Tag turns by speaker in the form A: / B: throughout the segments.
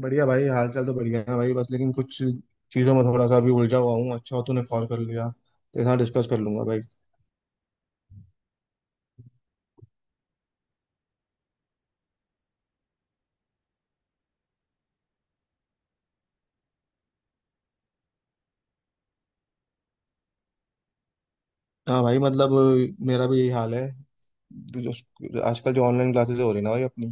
A: बढ़िया भाई, हाल चाल तो बढ़िया है भाई। बस लेकिन कुछ चीज़ों में थोड़ा सा अभी उलझा हुआ हूँ। अच्छा हो तूने कॉल कर लिया, तेरे साथ डिस्कस कर लूंगा भाई। हाँ भाई, मतलब मेरा भी यही हाल है। तो आजकल जो ऑनलाइन क्लासेस हो रही है ना भाई अपनी,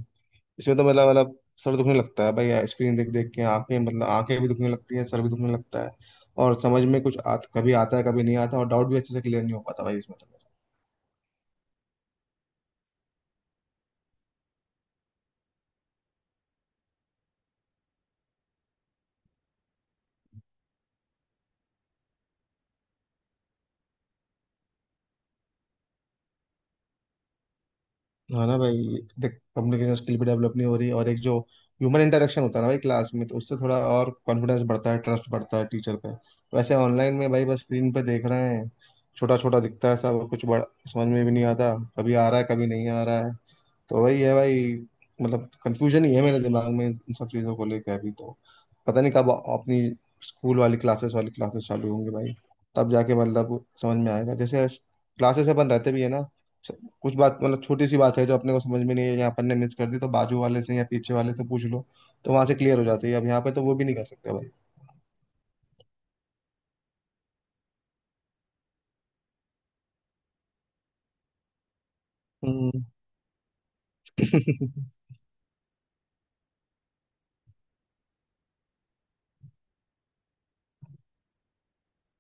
A: इसमें तो मतलब सर दुखने लगता है भाई। स्क्रीन देख देख के आंखें, मतलब आंखें भी दुखने लगती हैं, सर भी दुखने लगता है। और समझ में कुछ कभी आता है कभी नहीं आता, और डाउट भी अच्छे से क्लियर नहीं हो पाता भाई इसमें तो। हाँ ना भाई, देख कम्युनिकेशन स्किल भी डेवलप नहीं हो रही, और एक जो ह्यूमन इंटरेक्शन होता है ना भाई क्लास में, तो उससे थोड़ा और कॉन्फिडेंस बढ़ता है, ट्रस्ट बढ़ता है टीचर पे। वैसे ऑनलाइन में भाई बस स्क्रीन पे देख रहे हैं, छोटा छोटा दिखता है सब कुछ बड़ा। समझ में भी नहीं आता कभी आ रहा है कभी नहीं आ रहा है। तो वही है भाई, मतलब कंफ्यूजन ही है मेरे दिमाग में इन सब चीज़ों को लेकर अभी तो। पता नहीं कब अपनी स्कूल वाली क्लासेस चालू होंगी भाई। तब जाके मतलब समझ में आएगा। जैसे क्लासेस अपन रहते भी है ना, स- कुछ बात, मतलब छोटी सी बात है जो अपने को समझ में नहीं है या अपन ने मिस कर दी, तो बाजू वाले से या पीछे वाले से पूछ लो, तो वहां से क्लियर हो जाती है। अब यहाँ पे तो वो भी नहीं कर सकते भाई। हम्म।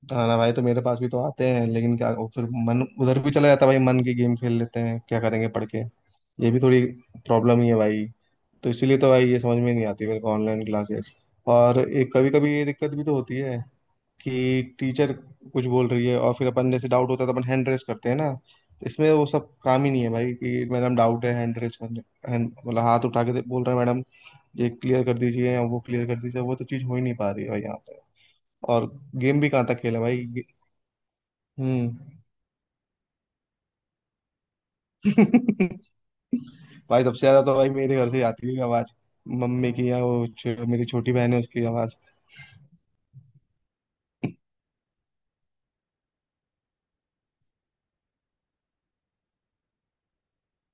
A: हाँ ना भाई, तो मेरे पास भी तो आते हैं, लेकिन क्या फिर मन उधर भी चला जाता है भाई, मन की गेम खेल लेते हैं, क्या करेंगे पढ़ के। ये भी थोड़ी प्रॉब्लम ही है भाई। तो इसीलिए तो भाई ये समझ में नहीं आती मेरे को ऑनलाइन क्लासेस। और एक कभी कभी ये दिक्कत भी तो होती है कि टीचर कुछ बोल रही है और फिर अपन जैसे डाउट होता है तो अपन हैंड रेस करते हैं ना, तो इसमें वो सब काम ही नहीं है भाई कि मैडम डाउट है हैंड रेस करने, मतलब हाथ उठा के बोल रहे हैं मैडम ये क्लियर कर दीजिए या वो क्लियर कर दीजिए, वो तो चीज़ हो ही नहीं पा रही है भाई यहाँ पे। और गेम भी कहाँ तक खेला भाई हम्म। भाई सबसे ज्यादा तो भाई मेरे घर से ही आती है आवाज, मम्मी की या वो मेरी छोटी बहन है उसकी आवाज।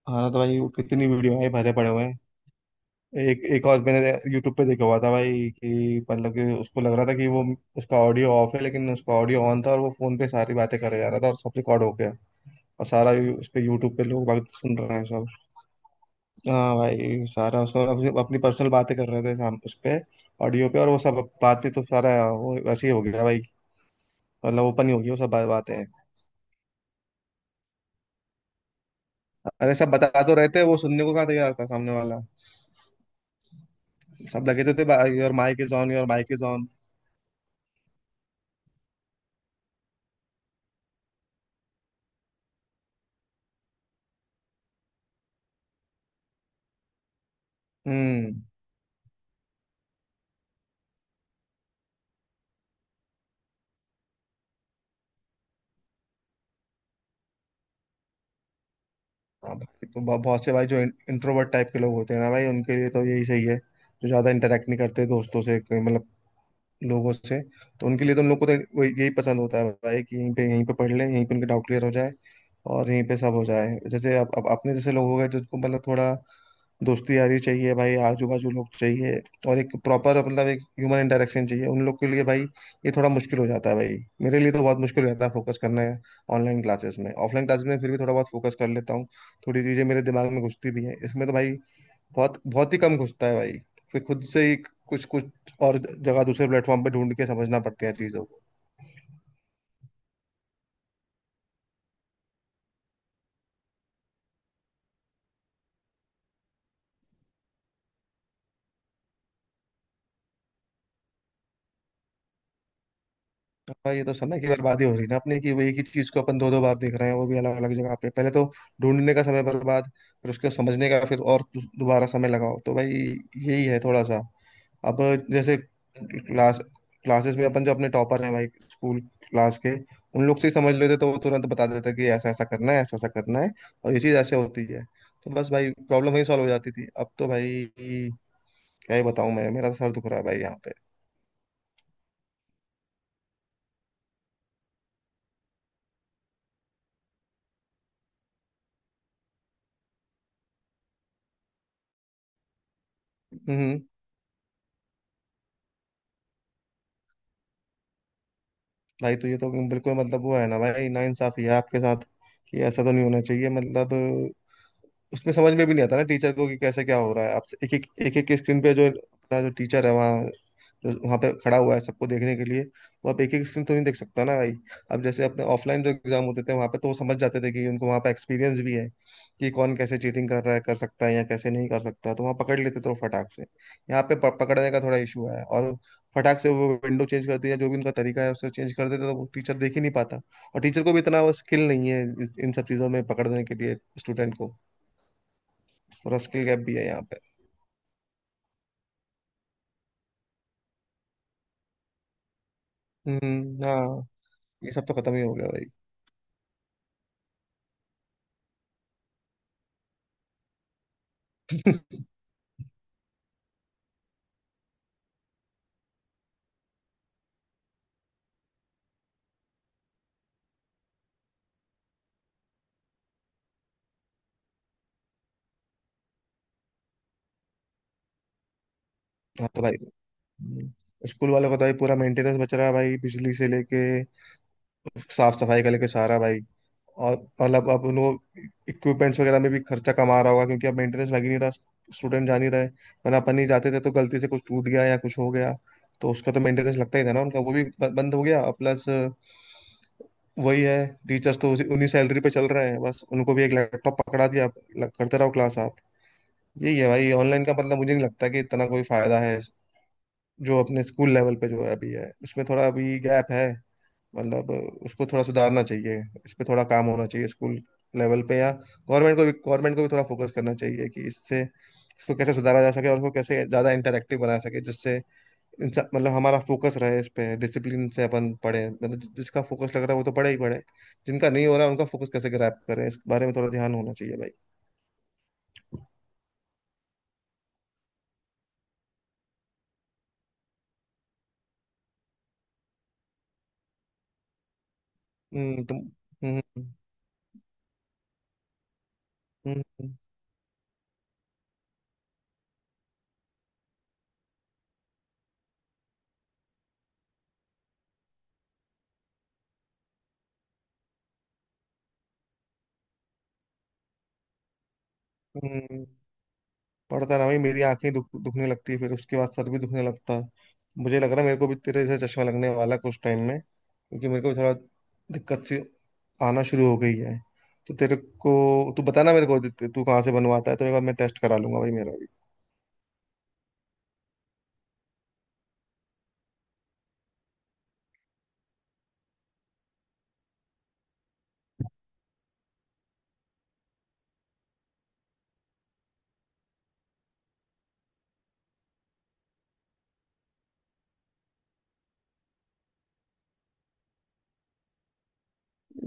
A: हाँ ना, तो भाई वो कितनी वीडियो है, भरे पड़े हुए हैं। एक एक, और मैंने यूट्यूब पे देखा हुआ था भाई कि मतलब कि उसको लग रहा था कि वो, उसका ऑडियो ऑफ है लेकिन उसका ऑडियो ऑन था, और वो फोन पे सारी बातें करे जा रहा था और सब रिकॉर्ड हो गया। और सारा उस पे यूट्यूब पे लोग बात सुन रहे हैं सब। हाँ भाई सारा, उसको अपनी अपनी पर्सनल बातें कर रहे थे साम उस पे ऑडियो पे, और वो सब बातें, तो सारा वो वैसे ही हो गया भाई। मतलब ओपन ही हो गई वो सब बातें। अरे सब बता तो रहे थे, वो सुनने को कहाँ तैयार था सामने वाला। सब लगे तो थे, your mic is on, your mic is on. हम्म। हाँ भाई, तो बहुत से भाई जो इंट्रोवर्ट टाइप के लोग होते हैं ना भाई, उनके लिए तो यही सही है, जो ज्यादा इंटरेक्ट नहीं करते दोस्तों से, कोई मतलब लोगों से। तो उनके लिए तो, उन लोग को तो यही पसंद होता है भाई, कि यहीं पे पढ़ लें, यहीं पे उनके डाउट क्लियर हो जाए और यहीं पे सब हो जाए। जैसे अब अपने जैसे लोग हो गए, जिनको मतलब थोड़ा दोस्ती यारी चाहिए भाई, आजू बाजू लोग चाहिए, और एक प्रॉपर मतलब एक ह्यूमन इंटरेक्शन चाहिए उन लोग के लिए भाई। ये थोड़ा मुश्किल हो जाता है भाई, मेरे लिए तो बहुत मुश्किल हो जाता है फोकस करना है ऑनलाइन क्लासेस में। ऑफलाइन क्लासेस में फिर भी थोड़ा बहुत फोकस कर लेता हूँ, थोड़ी चीजें मेरे दिमाग में घुसती भी हैं। इसमें तो भाई बहुत बहुत ही कम घुसता है भाई। फिर खुद से ही कुछ कुछ और जगह दूसरे प्लेटफॉर्म पे ढूंढ के समझना पड़ती है चीजों को। हाँ, ये तो समय की बर्बादी हो रही है ना अपने की, वो एक ही चीज को अपन दो दो बार देख रहे हैं, वो भी अलग अलग जगह पे। पहले तो ढूंढने का समय बर्बाद, फिर उसको समझने का, फिर और दोबारा समय लगाओ तो भाई। यही है थोड़ा सा। अब जैसे क्लास क्लासेस में अपन जो अपने टॉपर हैं भाई, स्कूल क्लास के, उन लोग से ही समझ लेते तो वो तुरंत बता देते कि ऐसा ऐसा करना है, ऐसा ऐसा करना है, और ये चीज ऐसे होती है। तो बस भाई, प्रॉब्लम वही सॉल्व हो जाती थी। अब तो भाई क्या ही बताऊं मैं, मेरा तो सर दुख रहा है भाई यहाँ पे। हम्म हम्म। भाई तो ये तो बिल्कुल मतलब वो है ना भाई, ना इंसाफी है आपके साथ, कि ऐसा तो नहीं होना चाहिए। मतलब उसमें समझ में भी नहीं आता ना टीचर को कि कैसे क्या हो रहा है। आप एक एक स्क्रीन पे जो अपना जो टीचर है वहाँ, जो वहाँ पे खड़ा हुआ है सबको देखने के लिए, वो आप एक एक स्क्रीन तो नहीं देख सकता ना भाई। अब जैसे अपने ऑफलाइन जो एग्जाम होते थे, वहाँ पे तो वो समझ जाते थे, कि उनको वहाँ पे एक्सपीरियंस भी है कि कौन कैसे चीटिंग कर रहा है, कर सकता है या कैसे नहीं कर सकता, तो वहाँ पकड़ लेते थे वो फटाक से। यहाँ पे पकड़ने का थोड़ा इशू है, और फटाक से वो विंडो चेंज कर दिया, जो भी उनका तरीका है उससे चेंज कर देते तो वो टीचर देख ही नहीं पाता। और टीचर को भी इतना वो स्किल नहीं है इन सब चीज़ों में पकड़ने के लिए स्टूडेंट को, थोड़ा स्किल गैप भी है यहाँ पे। हम्म। हाँ, ये सब तो खत्म ही हो गया भाई। हाँ तो भाई, हम्म। स्कूल वालों का तो भाई पूरा मेंटेनेंस बच रहा है भाई, बिजली से लेके, साफ सफाई का लेके, सारा भाई। और मतलब अब उन इक्विपमेंट्स वगैरह में भी खर्चा कम आ रहा होगा, क्योंकि अब मेंटेनेंस लग ही नहीं रहा, स्टूडेंट जा नहीं रहे। वरना अपन ही जाते थे तो गलती से कुछ टूट गया या कुछ हो गया तो उसका तो मेंटेनेंस लगता ही था ना उनका, वो भी बंद हो गया। प्लस वही है, टीचर्स तो उसी उन्हीं सैलरी पे चल रहे हैं, बस उनको भी एक लैपटॉप पकड़ा दिया, करते रहो क्लास आप। यही है भाई ऑनलाइन का मतलब। मुझे नहीं लगता कि इतना कोई फायदा है। जो अपने स्कूल लेवल पे जो है अभी है, उसमें थोड़ा अभी गैप है। मतलब उसको थोड़ा सुधारना चाहिए, इस पे थोड़ा काम होना चाहिए स्कूल लेवल पे। या गवर्नमेंट को भी, गवर्नमेंट को भी थोड़ा फोकस करना चाहिए कि इससे इसको कैसे सुधारा जा सके और उसको कैसे ज़्यादा इंटरेक्टिव बनाया सके, जिससे इंसान, मतलब हमारा फोकस रहे इस पे। डिसिप्लिन से अपन पढ़े, मतलब जिसका फोकस लग रहा है वो तो पढ़े ही पढ़े, जिनका नहीं हो रहा है उनका फोकस कैसे ग्रैप करें इस बारे में थोड़ा ध्यान होना चाहिए भाई। हम्म। तुम। हम्म। हम्म। हम्म। हम्म, हम्म। पड़ता ना भाई, मेरी आंखें दुखने लगती है, फिर उसके बाद सर भी दुखने लगता है। मुझे लग रहा है मेरे को भी तेरे से चश्मा लगने वाला है कुछ टाइम में, क्योंकि मेरे को भी थोड़ा दिक्कत सी आना शुरू हो गई है। तो तेरे को तू बताना मेरे को, तू कहाँ से बनवाता है, तो एक बार मैं टेस्ट करा लूंगा भाई मेरा भी।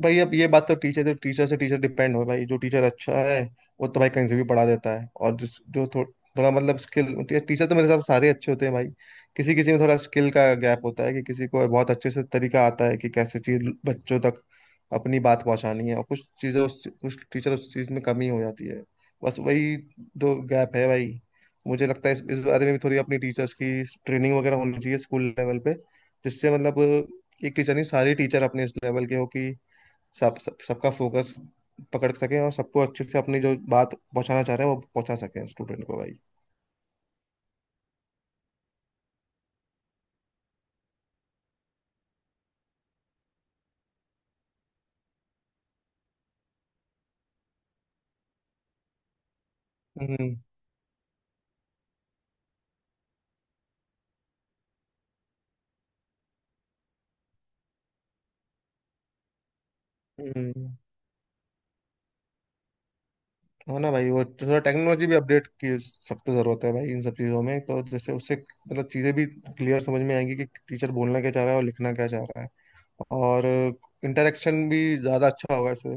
A: भाई अब ये बात तो टीचर से टीचर डिपेंड हो भाई, जो टीचर अच्छा है वो तो भाई कहीं से भी पढ़ा देता है। और जिस जो थोड़ा मतलब स्किल, टीचर तो मेरे हिसाब से सारे अच्छे होते हैं भाई। किसी किसी में थोड़ा स्किल का गैप होता है कि किसी को बहुत अच्छे से तरीका आता है कि कैसे चीज बच्चों तक अपनी बात पहुंचानी है, और कुछ चीजें उस कुछ टीचर उस चीज में कमी हो जाती है। बस वही दो गैप है भाई। मुझे लगता है इस बारे में भी थोड़ी अपनी टीचर्स की ट्रेनिंग वगैरह होनी चाहिए स्कूल लेवल पे, जिससे मतलब एक टीचर नहीं सारे टीचर अपने इस लेवल के हो, कि सब सबका फोकस पकड़ सके और सबको अच्छे से अपनी जो बात पहुंचाना चाह रहे हैं वो पहुंचा सके स्टूडेंट को भाई। हम्म हम्म। है ना भाई, वो थोड़ा टेक्नोलॉजी भी अपडेट की सख्त जरूरत है भाई इन सब चीजों में, तो जैसे उससे मतलब चीजें भी क्लियर समझ में आएंगी कि टीचर बोलना क्या चाह रहा है और लिखना क्या चाह रहा है, और इंटरेक्शन भी ज्यादा अच्छा होगा इससे।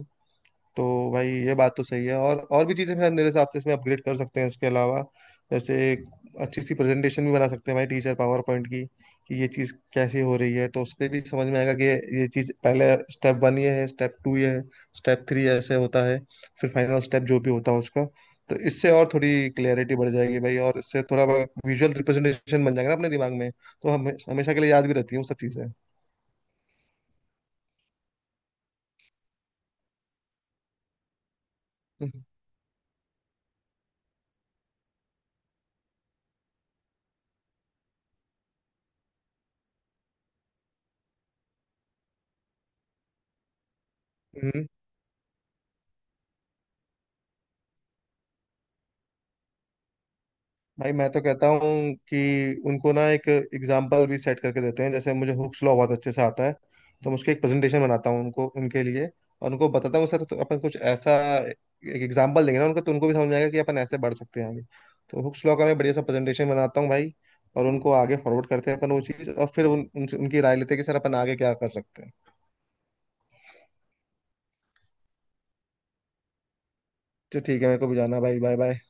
A: तो भाई ये बात तो सही है, और भी चीज़ें शायद मेरे हिसाब से इसमें अपग्रेड कर सकते हैं इसके अलावा। जैसे एक अच्छी सी प्रेजेंटेशन भी बना सकते हैं भाई टीचर पावर पॉइंट की, कि ये चीज़ कैसे हो रही है, तो उसपे भी समझ में आएगा कि ये चीज़ पहले, स्टेप वन ये है, स्टेप टू ये है, स्टेप थ्री ऐसे होता है, फिर फाइनल स्टेप जो भी होता है उसका। तो इससे और थोड़ी क्लियरिटी बढ़ जाएगी भाई, और इससे थोड़ा विजुअल रिप्रेजेंटेशन बन जाएगा ना अपने दिमाग में, तो हम हमेशा के लिए याद भी रहती हैं वो सब चीज़ें। हम्म हम्म। भाई मैं तो कहता हूँ कि उनको ना एक एग्जाम्पल भी सेट करके देते हैं। जैसे मुझे हुक्स लॉ बहुत अच्छे से आता है, तो मैं उसकी एक प्रेजेंटेशन बनाता हूँ उनको उनके लिए, और उनको बताता हूँ सर तो अपन कुछ ऐसा एक एग्जाम्पल देंगे ना उनको, तो उनको भी समझ में आएगा कि अपन ऐसे बढ़ सकते हैं आगे। तो हुक्स लॉ का मैं बढ़िया सा प्रेजेंटेशन बनाता हूँ भाई, और उनको आगे फॉरवर्ड करते हैं अपन वो चीज़, और फिर उनकी राय लेते हैं कि सर अपन आगे क्या कर सकते हैं। तो ठीक है, मेरे को भी जाना है भाई। Bye bye.